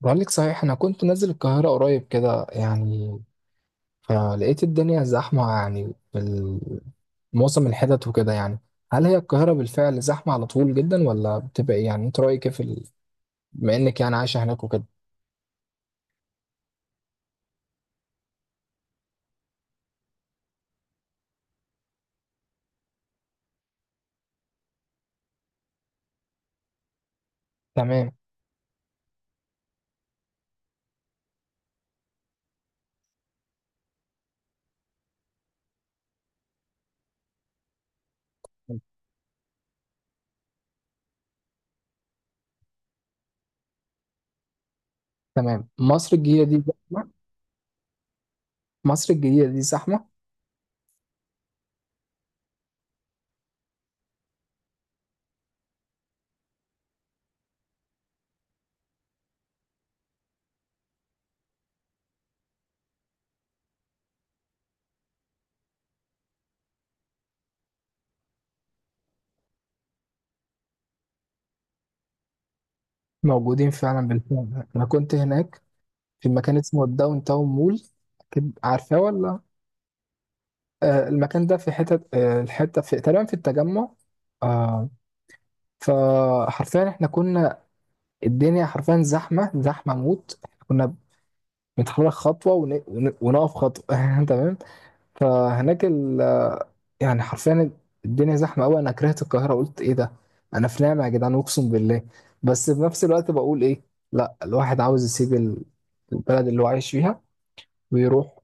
بقول لك صحيح انا كنت نازل القاهره قريب كده يعني. فلقيت الدنيا زحمه يعني معظم الحتت وكده يعني. هل هي القاهره بالفعل زحمه على طول جدا ولا بتبقى إيه؟ يعني انت رايك إيه في ال... بما انك يعني عايشه هناك وكده. تمام. تمام، مصر الجديده دي زحمه. مصر الجديده دي زحمه موجودين فعلا، بالفعل انا كنت هناك في مكان اسمه الداون تاون مول، اكيد عارفاه ولا. آه المكان ده في حتت، الحته في تقريبا في التجمع. آه، فحرفيا احنا كنا، الدنيا حرفيا زحمه، زحمه موت، احنا كنا بنتحرك خطوه ونقف خطوه. تمام. فهناك ال... يعني حرفيا الدنيا زحمه قوي، انا كرهت القاهره، قلت ايه ده؟ انا في نعمه يا جدعان اقسم بالله. بس في نفس الوقت بقول ايه، لا الواحد عاوز يسيب البلد اللي هو عايش فيها ويروح.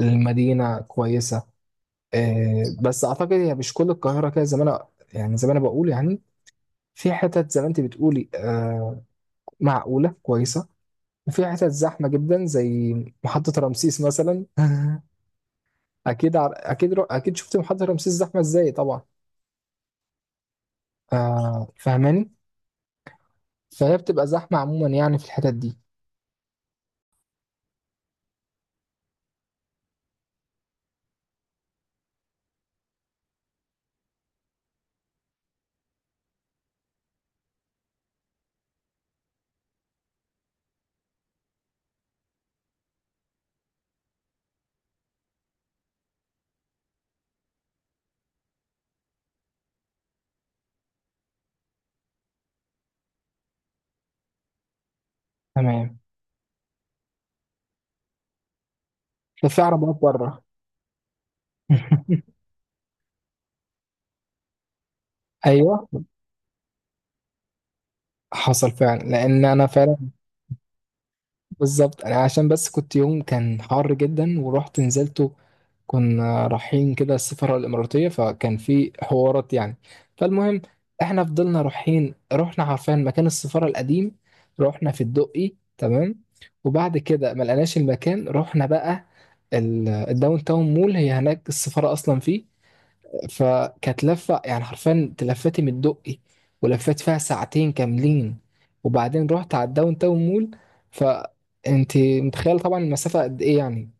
المدينة كويسة، بس أعتقد هي مش كل القاهرة كده زي ما أنا، يعني زي ما أنا بقول يعني، في حتت زي ما أنت بتقولي، معقولة كويسة. وفي حتت زحمة جدا زي محطة رمسيس مثلا. أكيد عر... أكيد رو... أكيد شفت محطة رمسيس زحمة إزاي طبعا. آه فاهماني. فهي بتبقى زحمة عموما يعني في الحتت دي. تمام، ده في عربيات بره. أيوه حصل فعلا، لأن أنا فعلا بالظبط، عشان بس كنت يوم كان حر جدا ورحت نزلته. كنا رايحين كده السفارة الإماراتية، فكان في حوارات يعني. فالمهم احنا فضلنا رايحين، رحنا عارفين مكان السفارة القديم، رحنا في الدقي، تمام. وبعد كده ما لقناش المكان، رحنا بقى الداون تاون مول، هي هناك السفارة أصلا فيه. فكانت لفة يعني حرفيا، تلفتي من الدقي ولفيت فيها ساعتين كاملين وبعدين رحت على الداون تاون مول. فانت متخيل طبعا المسافة قد ايه يعني،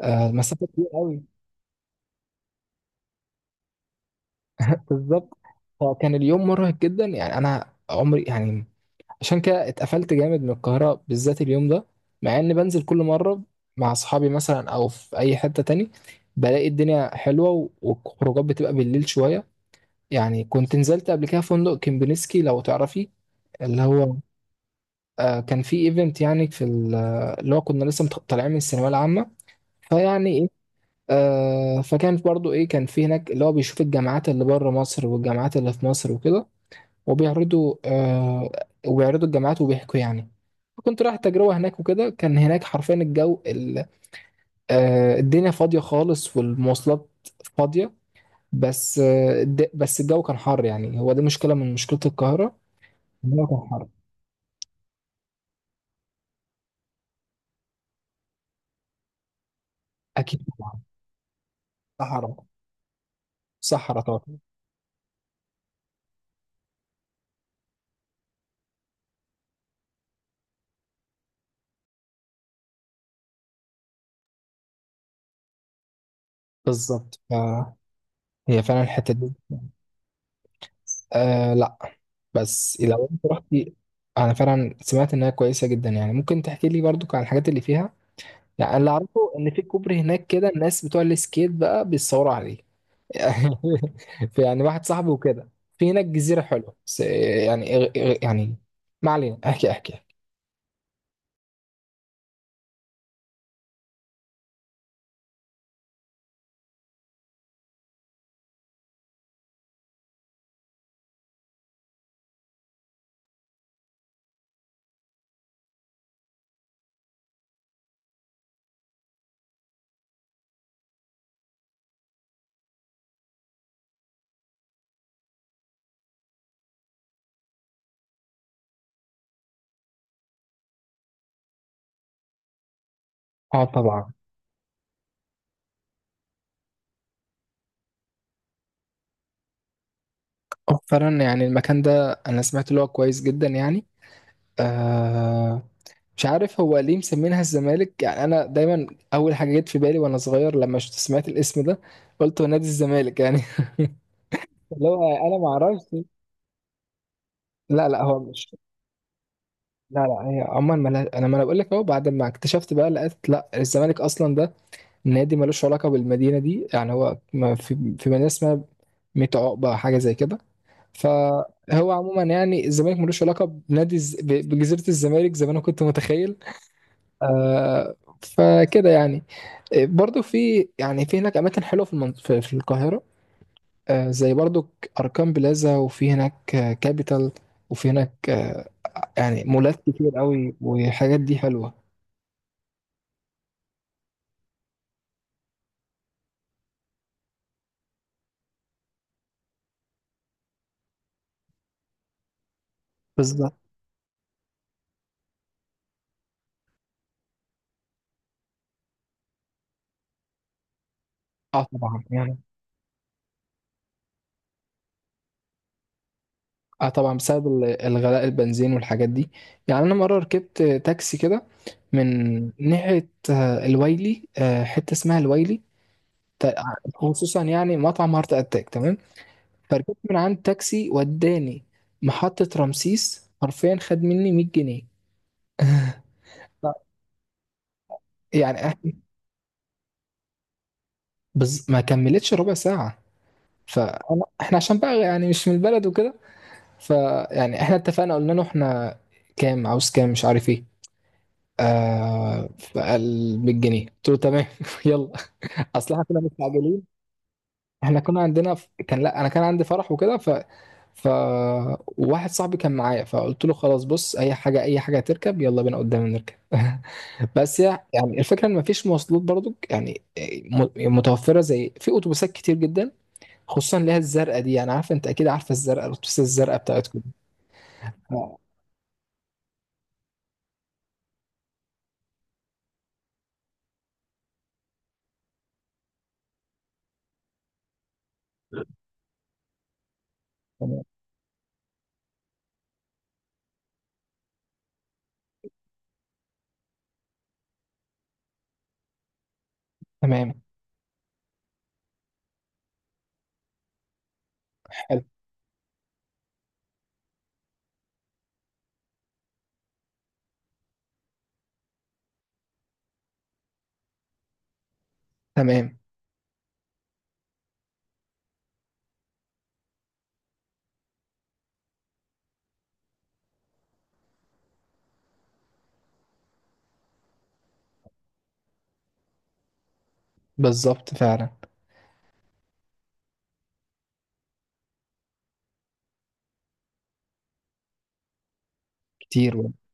آه المسافة كبيرة قوي. بالظبط، فكان اليوم مرهق جدا يعني، انا عمري يعني، عشان كده اتقفلت جامد من القاهرة بالذات اليوم ده، مع اني بنزل كل مرة مع اصحابي مثلا او في اي حتة تاني بلاقي الدنيا حلوة، والخروجات بتبقى بالليل شوية يعني. كنت نزلت قبل كده فندق كيمبينسكي لو تعرفي، اللي هو، آه كان في ايفنت يعني في اللي هو كنا طالعين من الثانويه العامه، فيعني ايه. فكان برضو ايه، كان في هناك اللي هو بيشوف الجامعات اللي بره مصر والجامعات اللي في مصر وكده، وبيعرضوا آه وبيعرضوا الجامعات وبيحكوا يعني. كنت رايح تجربة هناك وكده، كان هناك حرفيا الجو ال... آه الدنيا فاضية خالص والمواصلات فاضية. بس بس الجو كان حر، يعني هو دي مشكلة من مشكلة القاهرة، الوضع حر. اكيد طبعا، صحراء، صحراء طبعا. بالظبط، فهي فعلا الحته دي. آه لا، بس لو انت رحتي، انا فعلا سمعت انها كويسه جدا يعني. ممكن تحكي لي برضو عن الحاجات اللي فيها، يعني أنا اللي اعرفه ان في كوبري هناك كده الناس بتوع السكيت بقى بيتصوروا عليه. في يعني واحد صاحبي وكده في هناك جزيره حلوه، بس يعني يعني ما علينا، احكي احكي. اه طبعا. آه، فعلا يعني المكان ده انا سمعت اللي هو كويس جدا يعني. آه، مش عارف هو ليه مسمينها الزمالك، يعني انا دايما اول حاجه جت في بالي وانا صغير لما شفت سمعت الاسم ده، قلت هو نادي الزمالك يعني. لو انا ما اعرفش. لا لا هو مش، لا لا هي عموما ما لها- انا ما انا بقول لك اهو، بعد ما اكتشفت بقى لقيت لا الزمالك اصلا ده نادي ملوش علاقه بالمدينه دي، يعني هو ما في في مدينه اسمها ميت عقبه حاجه زي كده. فهو عموما يعني الزمالك ملوش علاقه بجزيره الزمالك زي ما انا كنت متخيل. آه، فكده يعني. آه، برضو في يعني في هناك اماكن حلوه في في القاهره. آه زي برضو اركان بلازا، وفي هناك آه كابيتال، وفي هناك آه يعني مولات كتير قوي والحاجات دي حلوه. بالظبط. اه طبعا يعني. اه طبعا بسبب الغلاء، البنزين والحاجات دي. يعني انا مره ركبت آه، تاكسي كده من ناحيه آه الويلي، حته اسمها الويلي، تا- خصوصا يعني مطعم هارت اتاك، تمام. فركبت من عند تاكسي وداني محطة رمسيس، حرفيا خد مني 100 جنيه. ف- يعني إح- ما كملتش ربع ساعة. فاحنا عشان بقى يعني مش من البلد وكده، فيعني احنا اتفقنا قلنا له احنا كام عاوز، كام، مش عارف ايه. آه فقال 100 جنيه، قلت له تمام، يلا. اصل احنا كنا مستعجلين، احنا كنا عندنا ف... كان لا، انا كان عندي فرح وكده، ف ف واحد صاحبي كان معايا، فقلت له خلاص بص، اي حاجه، اي حاجه تركب يلا بينا قدام نركب. بس يعني الفكره ان مفيش مواصلات برضو يعني، م- متوفره، زي في اتوبيسات كتير جدا، خصوصا اللي هي الزرقاء دي. يعني عارفه، انت اكيد عارفه الزرقاء، الاتوبيسات الزرقاء بتاعتكم. آه، تمام. تمام. حلو. تمام. بالظبط، فعلا كتير والله.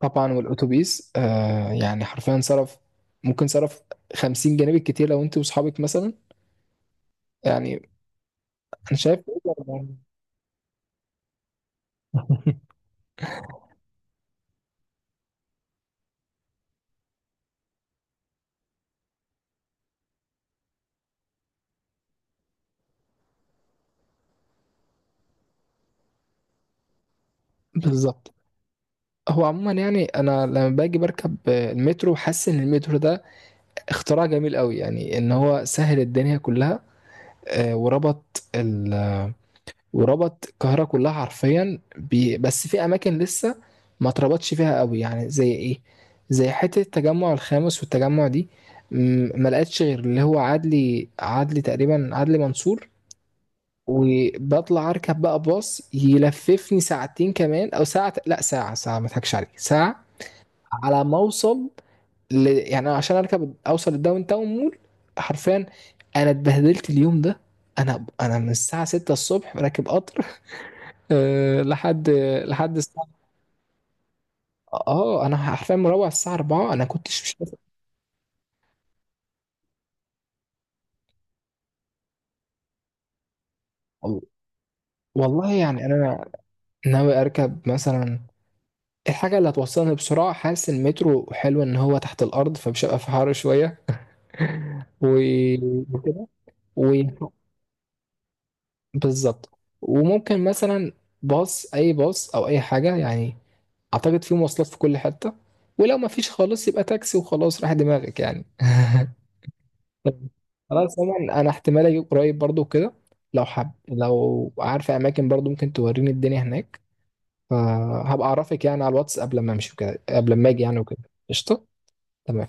طبعا، والاتوبيس آه يعني حرفيا صرف، ممكن صرف 50 جنيه بالكتير لو انت واصحابك مثلا يعني، انا شايف. بالظبط. هو عموما يعني انا لما باجي بركب المترو حاسس ان المترو ده اختراع جميل قوي يعني، ان هو سهل الدنيا كلها. آه، وربط ال... وربط القاهره كلها حرفيا بس في اماكن لسه ما اتربطش فيها قوي، يعني زي ايه، زي حته التجمع الخامس والتجمع دي، ما لقيتش غير اللي هو عدلي، تقريبا عدلي منصور. وبطلع اركب بقى باص يلففني ساعتين كمان او ساعه، لا ساعه، ما اضحكش عليك، ساعه على ما اوصل ل... يعني أنا عشان اركب اوصل الداون تاون مول حرفيا انا اتبهدلت اليوم ده. انا من الساعه 6 الصبح راكب قطر. أه لحد الساعه، اه انا حرفيا مروح الساعه 4. انا كنتش مش شايف- والله يعني انا ناوي اركب مثلا الحاجه اللي هتوصلني بسرعه، حاسس إن المترو حلو ان هو تحت الارض فمش هبقى في حر شويه. وكده. و- بالظبط. وممكن مثلا باص، اي باص او اي حاجه يعني، اعتقد في مواصلات في كل حته. ولو ما فيش خالص يبقى تاكسي وخلاص راح دماغك يعني. طيب. خلاص عموما انا احتمال اجي قريب برضو كده، لو حب، لو عارفه اماكن برضو ممكن توريني الدنيا هناك، فهبقى اعرفك يعني على الواتس قبل ما امشي وكده، قبل ما اجي يعني وكده. قشطه. تمام.